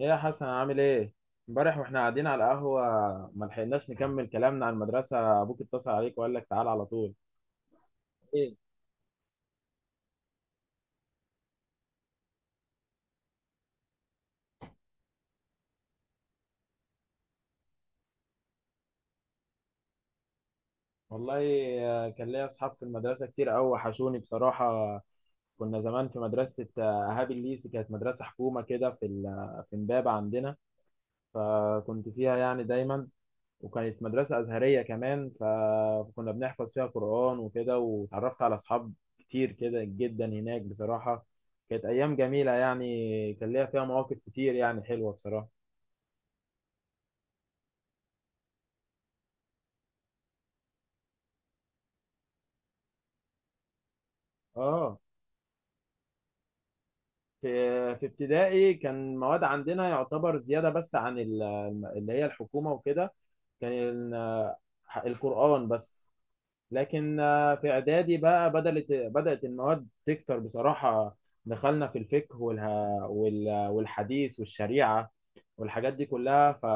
ايه يا حسن، عامل ايه؟ امبارح واحنا قاعدين على القهوه ما لحقناش نكمل كلامنا عن المدرسه، ابوك اتصل عليك وقال لك تعال على طول. ايه والله. كان ليا اصحاب في المدرسه كتير قوي، وحشوني بصراحه. كنا زمان في مدرسه، اهاب الليسي، كانت مدرسه حكومه كده في في امبابه عندنا. فكنت فيها يعني دايما. وكانت مدرسة أزهرية كمان، فكنا بنحفظ فيها قرآن وكده، وتعرفت على أصحاب كتير كده جدا هناك بصراحة. كانت أيام جميلة، يعني كان ليها فيها مواقف كتير يعني حلوة بصراحة. آه، في في ابتدائي كان مواد عندنا يعتبر زيادة بس عن اللي هي الحكومة وكده. كان القرآن بس. لكن في إعدادي بقى بدأت المواد تكتر بصراحة. دخلنا في الفقه والحديث والشريعة والحاجات دي كلها. ف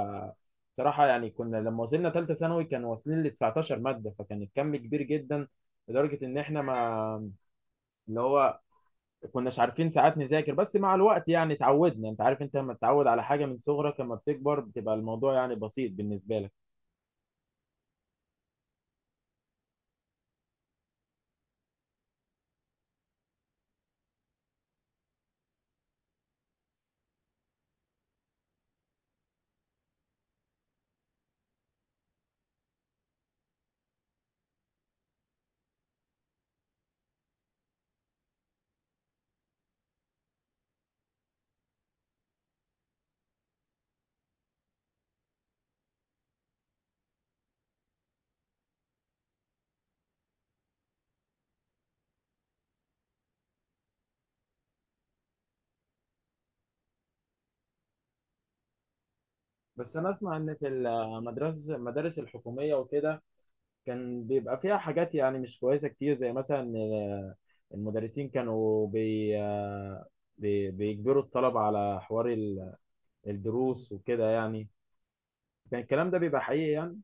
صراحة يعني كنا لما وصلنا ثالثة ثانوي كانوا واصلين ل 19 مادة، فكان الكم كبير جدا، لدرجة إن إحنا ما، اللي هو، كناش عارفين ساعات نذاكر. بس مع الوقت يعني اتعودنا، أنت عارف أنت لما تتعود على حاجة من صغرك لما بتكبر بتبقى الموضوع يعني بسيط بالنسبة لك. بس أنا أسمع إن في المدرسة، المدارس الحكومية وكده، كان بيبقى فيها حاجات يعني مش كويسة كتير، زي مثلا المدرسين كانوا بيجبروا الطلبة على حوار الدروس وكده يعني. كان الكلام ده بيبقى حقيقي يعني.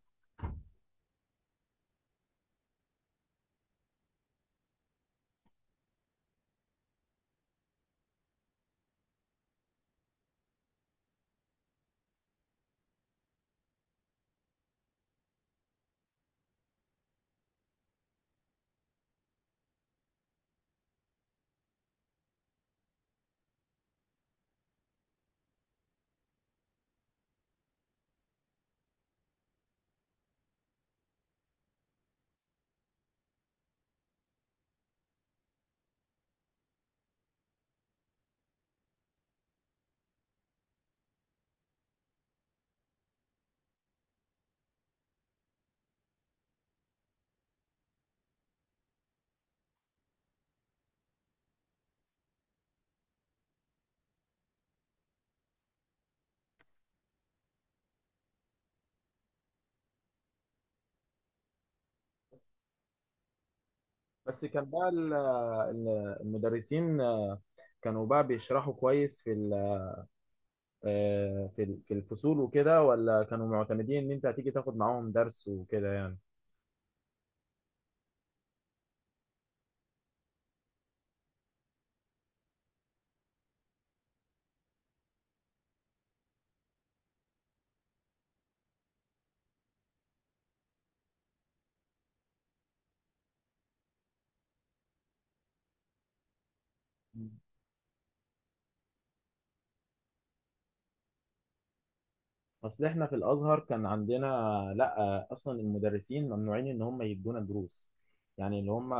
بس كان بقى المدرسين كانوا بقى بيشرحوا كويس في في الفصول وكده، ولا كانوا معتمدين ان انت هتيجي تاخد معاهم درس وكده؟ يعني اصل احنا في الازهر كان عندنا، لا اصلا المدرسين ممنوعين ان هم يدونا دروس. يعني اللي هم،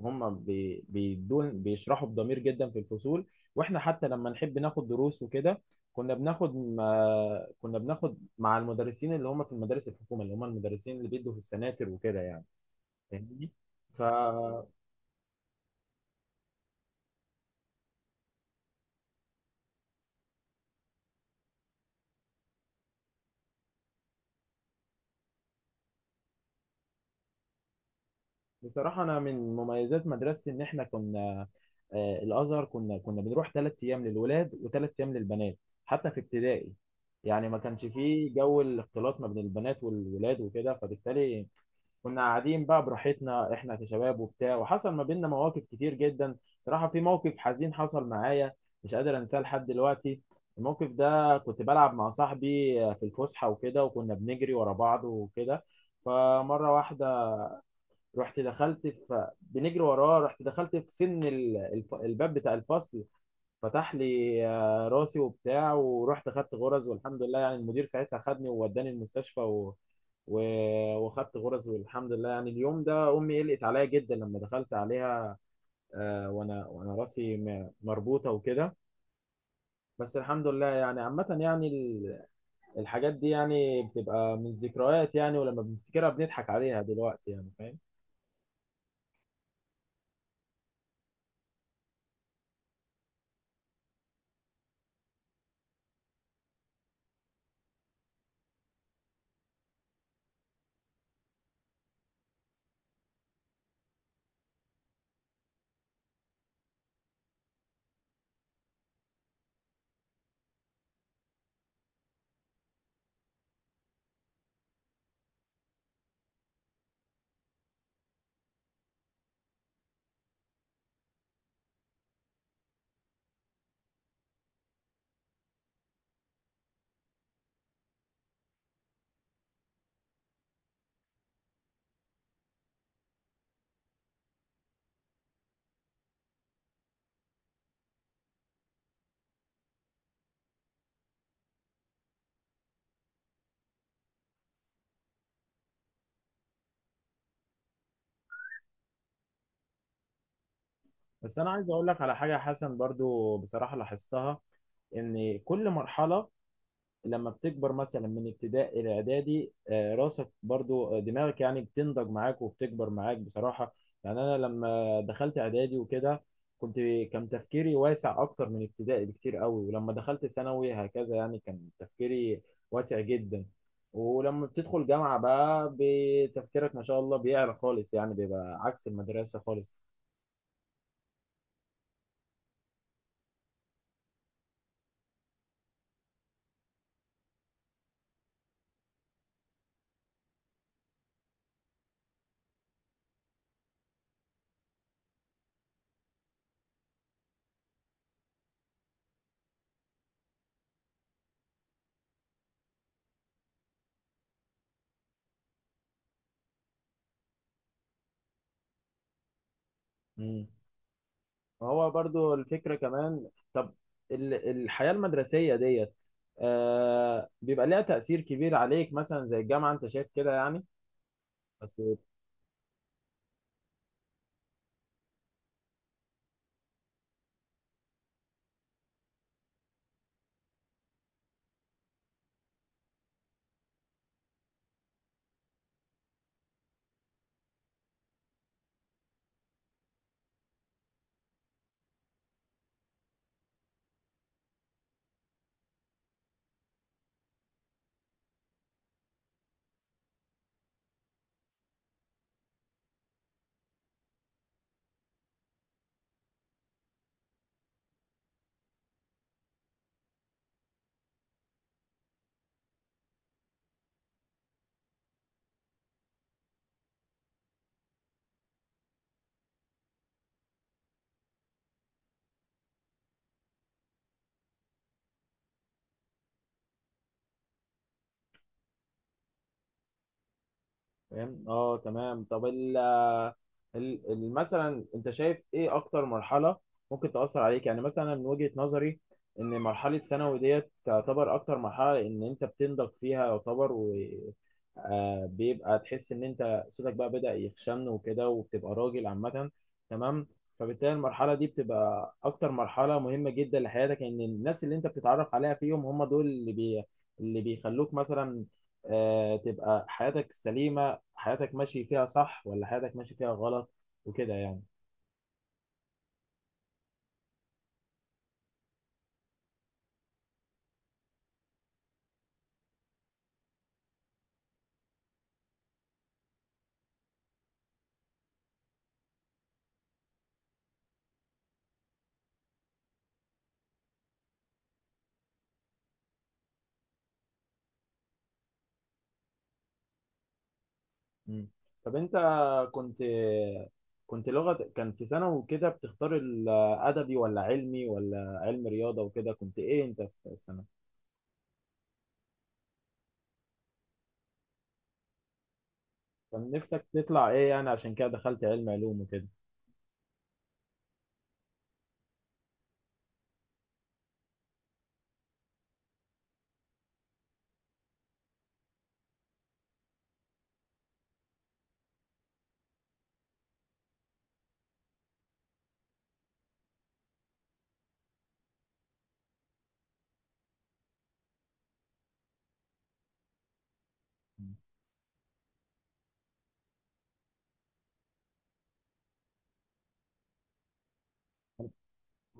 هم بيدون بيشرحوا بضمير جدا في الفصول. واحنا حتى لما نحب ناخد دروس وكده، كنا بناخد، ما كنا بناخد مع المدرسين اللي هم في المدارس الحكومه، اللي هم المدرسين اللي بيدوا في السناتر وكده يعني. فاهمني؟ ف بصراحة أنا من مميزات مدرستي إن إحنا كنا، الأزهر، كنا بنروح ثلاث أيام للولاد وثلاث أيام للبنات، حتى في ابتدائي. يعني ما كانش فيه جو الاختلاط ما بين البنات والولاد وكده، فبالتالي كنا قاعدين بقى براحتنا، إحنا كشباب وبتاع، وحصل ما بيننا مواقف كتير جدا. بصراحة في موقف حزين حصل معايا مش قادر أنساه لحد دلوقتي. الموقف ده كنت بلعب مع صاحبي في الفسحة وكده، وكنا بنجري ورا بعض وكده. فمرة واحدة رحت دخلت في، بنجري وراه، رحت دخلت في سن الباب بتاع الفصل، فتح لي راسي وبتاع، ورحت خدت غرز. والحمد لله يعني المدير ساعتها خدني ووداني المستشفى، و... وخدت غرز. والحمد لله يعني. اليوم ده امي قلقت عليا جدا لما دخلت عليها، وانا راسي مربوطه وكده. بس الحمد لله يعني. عامة يعني الحاجات دي يعني بتبقى من الذكريات، يعني ولما بنفتكرها بنضحك عليها دلوقتي يعني. فاهم؟ بس انا عايز اقول لك على حاجه يا حسن، برضو بصراحه لاحظتها، ان كل مرحله لما بتكبر، مثلا من ابتدائي الى اعدادي، راسك برضو، دماغك يعني بتنضج معاك وبتكبر معاك بصراحه. يعني انا لما دخلت اعدادي وكده كنت، كان تفكيري واسع اكتر من ابتدائي بكتير قوي. ولما دخلت ثانوي هكذا، يعني كان تفكيري واسع جدا. ولما بتدخل جامعه بقى بتفكيرك ما شاء الله بيعلى خالص، يعني بيبقى عكس المدرسه خالص. مم. ما هو برضو الفكرة كمان، طب الحياة المدرسية ديت آه بيبقى ليها تأثير كبير عليك، مثلا زي الجامعة انت شايف كده يعني. بس فاهم، اه تمام. طب ال، مثلا انت شايف ايه اكتر مرحله ممكن تاثر عليك؟ يعني مثلا من وجهه نظري ان مرحله ثانوي ديت تعتبر اكتر مرحله ان انت بتنضج فيها يعتبر، و بيبقى تحس ان انت صوتك بقى بدأ يخشن وكده، وبتبقى راجل عامه. تمام. فبالتالي المرحله دي بتبقى اكتر مرحله مهمه جدا لحياتك، ان الناس اللي انت بتتعرف عليها فيهم هم دول اللي اللي بيخلوك مثلا تبقى حياتك سليمة، حياتك ماشي فيها صح ولا حياتك ماشي فيها غلط وكده يعني. مم. طب انت، كنت كنت لغة كان في سنة وكده بتختار الأدبي ولا علمي ولا علم رياضة وكده، كنت إيه أنت في السنة؟ كان نفسك تطلع إيه يعني عشان كده دخلت علم علوم وكده؟ مم.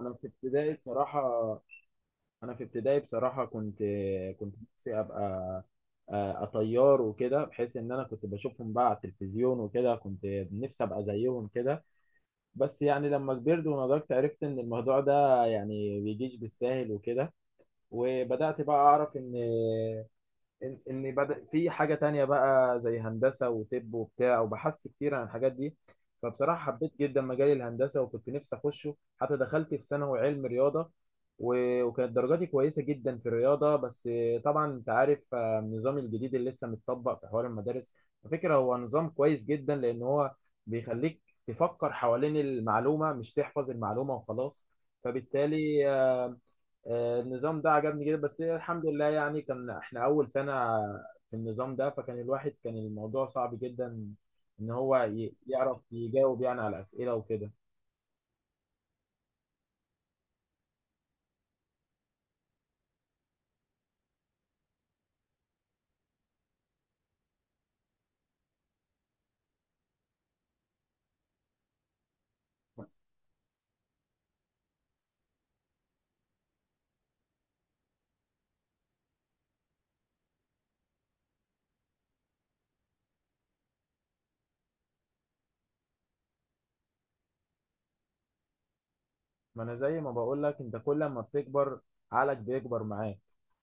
أنا في ابتدائي بصراحة أنا في ابتدائي بصراحة كنت نفسي أبقى طيار وكده، بحيث إن أنا كنت بشوفهم بقى على التلفزيون وكده، كنت نفسي أبقى زيهم كده. بس يعني لما كبرت ونضجت عرفت ان الموضوع ده يعني بيجيش بالساهل وكده. وبدأت بقى اعرف ان، اني بدأ في حاجه تانية بقى زي هندسه وطب وبتاع. وبحثت كتير عن الحاجات دي، فبصراحه حبيت جدا مجال الهندسه وكنت نفسي اخشه، حتى دخلت في ثانوي علم رياضه. وكانت درجاتي كويسه جدا في الرياضه. بس طبعا انت عارف النظام الجديد اللي لسه متطبق في حوار المدارس، على فكره هو نظام كويس جدا، لان هو بيخليك تفكر حوالين المعلومه مش تحفظ المعلومه وخلاص. فبالتالي النظام ده عجبني جدا. بس الحمد لله يعني كان احنا اول سنة في النظام ده، فكان الواحد كان الموضوع صعب جدا ان هو يعرف يجاوب يعني على اسئلة وكده. ما انا زي ما بقول لك، انت كل ما بتكبر عقلك بيكبر معاك.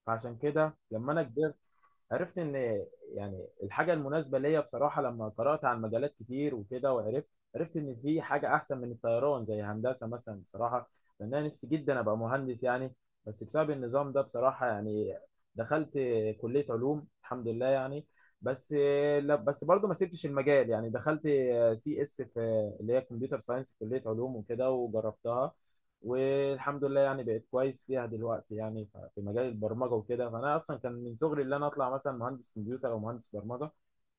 فعشان كده لما انا كبرت عرفت ان، يعني الحاجه المناسبه ليا بصراحه لما قرات عن مجالات كتير وكده وعرفت، عرفت ان في حاجه احسن من الطيران زي هندسه مثلا بصراحه، لان انا نفسي جدا ابقى مهندس يعني. بس بسبب النظام ده بصراحه يعني دخلت كليه علوم، الحمد لله يعني. بس، لا بس برضه ما سبتش المجال، يعني دخلت سي اس في اللي هي كمبيوتر ساينس في كليه علوم وكده وجربتها، والحمد لله يعني بقيت كويس فيها دلوقتي يعني، في مجال البرمجه وكده. فانا اصلا كان من صغري اللي انا اطلع مثلا مهندس كمبيوتر او مهندس برمجه،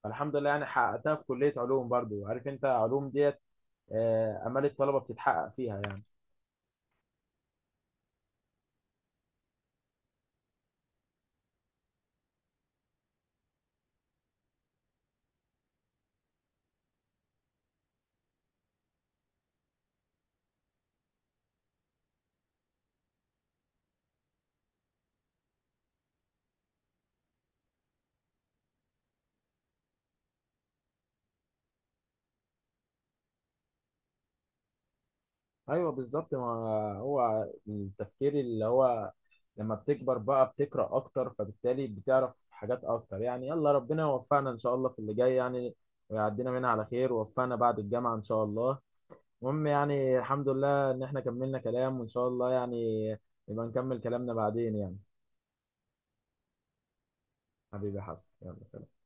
فالحمد لله يعني حققتها في كليه علوم. برضو عارف انت علوم ديت امال الطلبه بتتحقق فيها يعني. ايوه بالظبط. ما هو التفكير اللي هو لما بتكبر بقى بتقرا اكتر، فبالتالي بتعرف حاجات اكتر يعني. يلا، ربنا يوفقنا ان شاء الله في اللي جاي يعني، ويعدينا منها على خير ووفقنا بعد الجامعه ان شاء الله. المهم يعني الحمد لله ان احنا كملنا كلام، وان شاء الله يعني نبقى نكمل كلامنا بعدين يعني. حبيبي يا حسن، يلا سلام.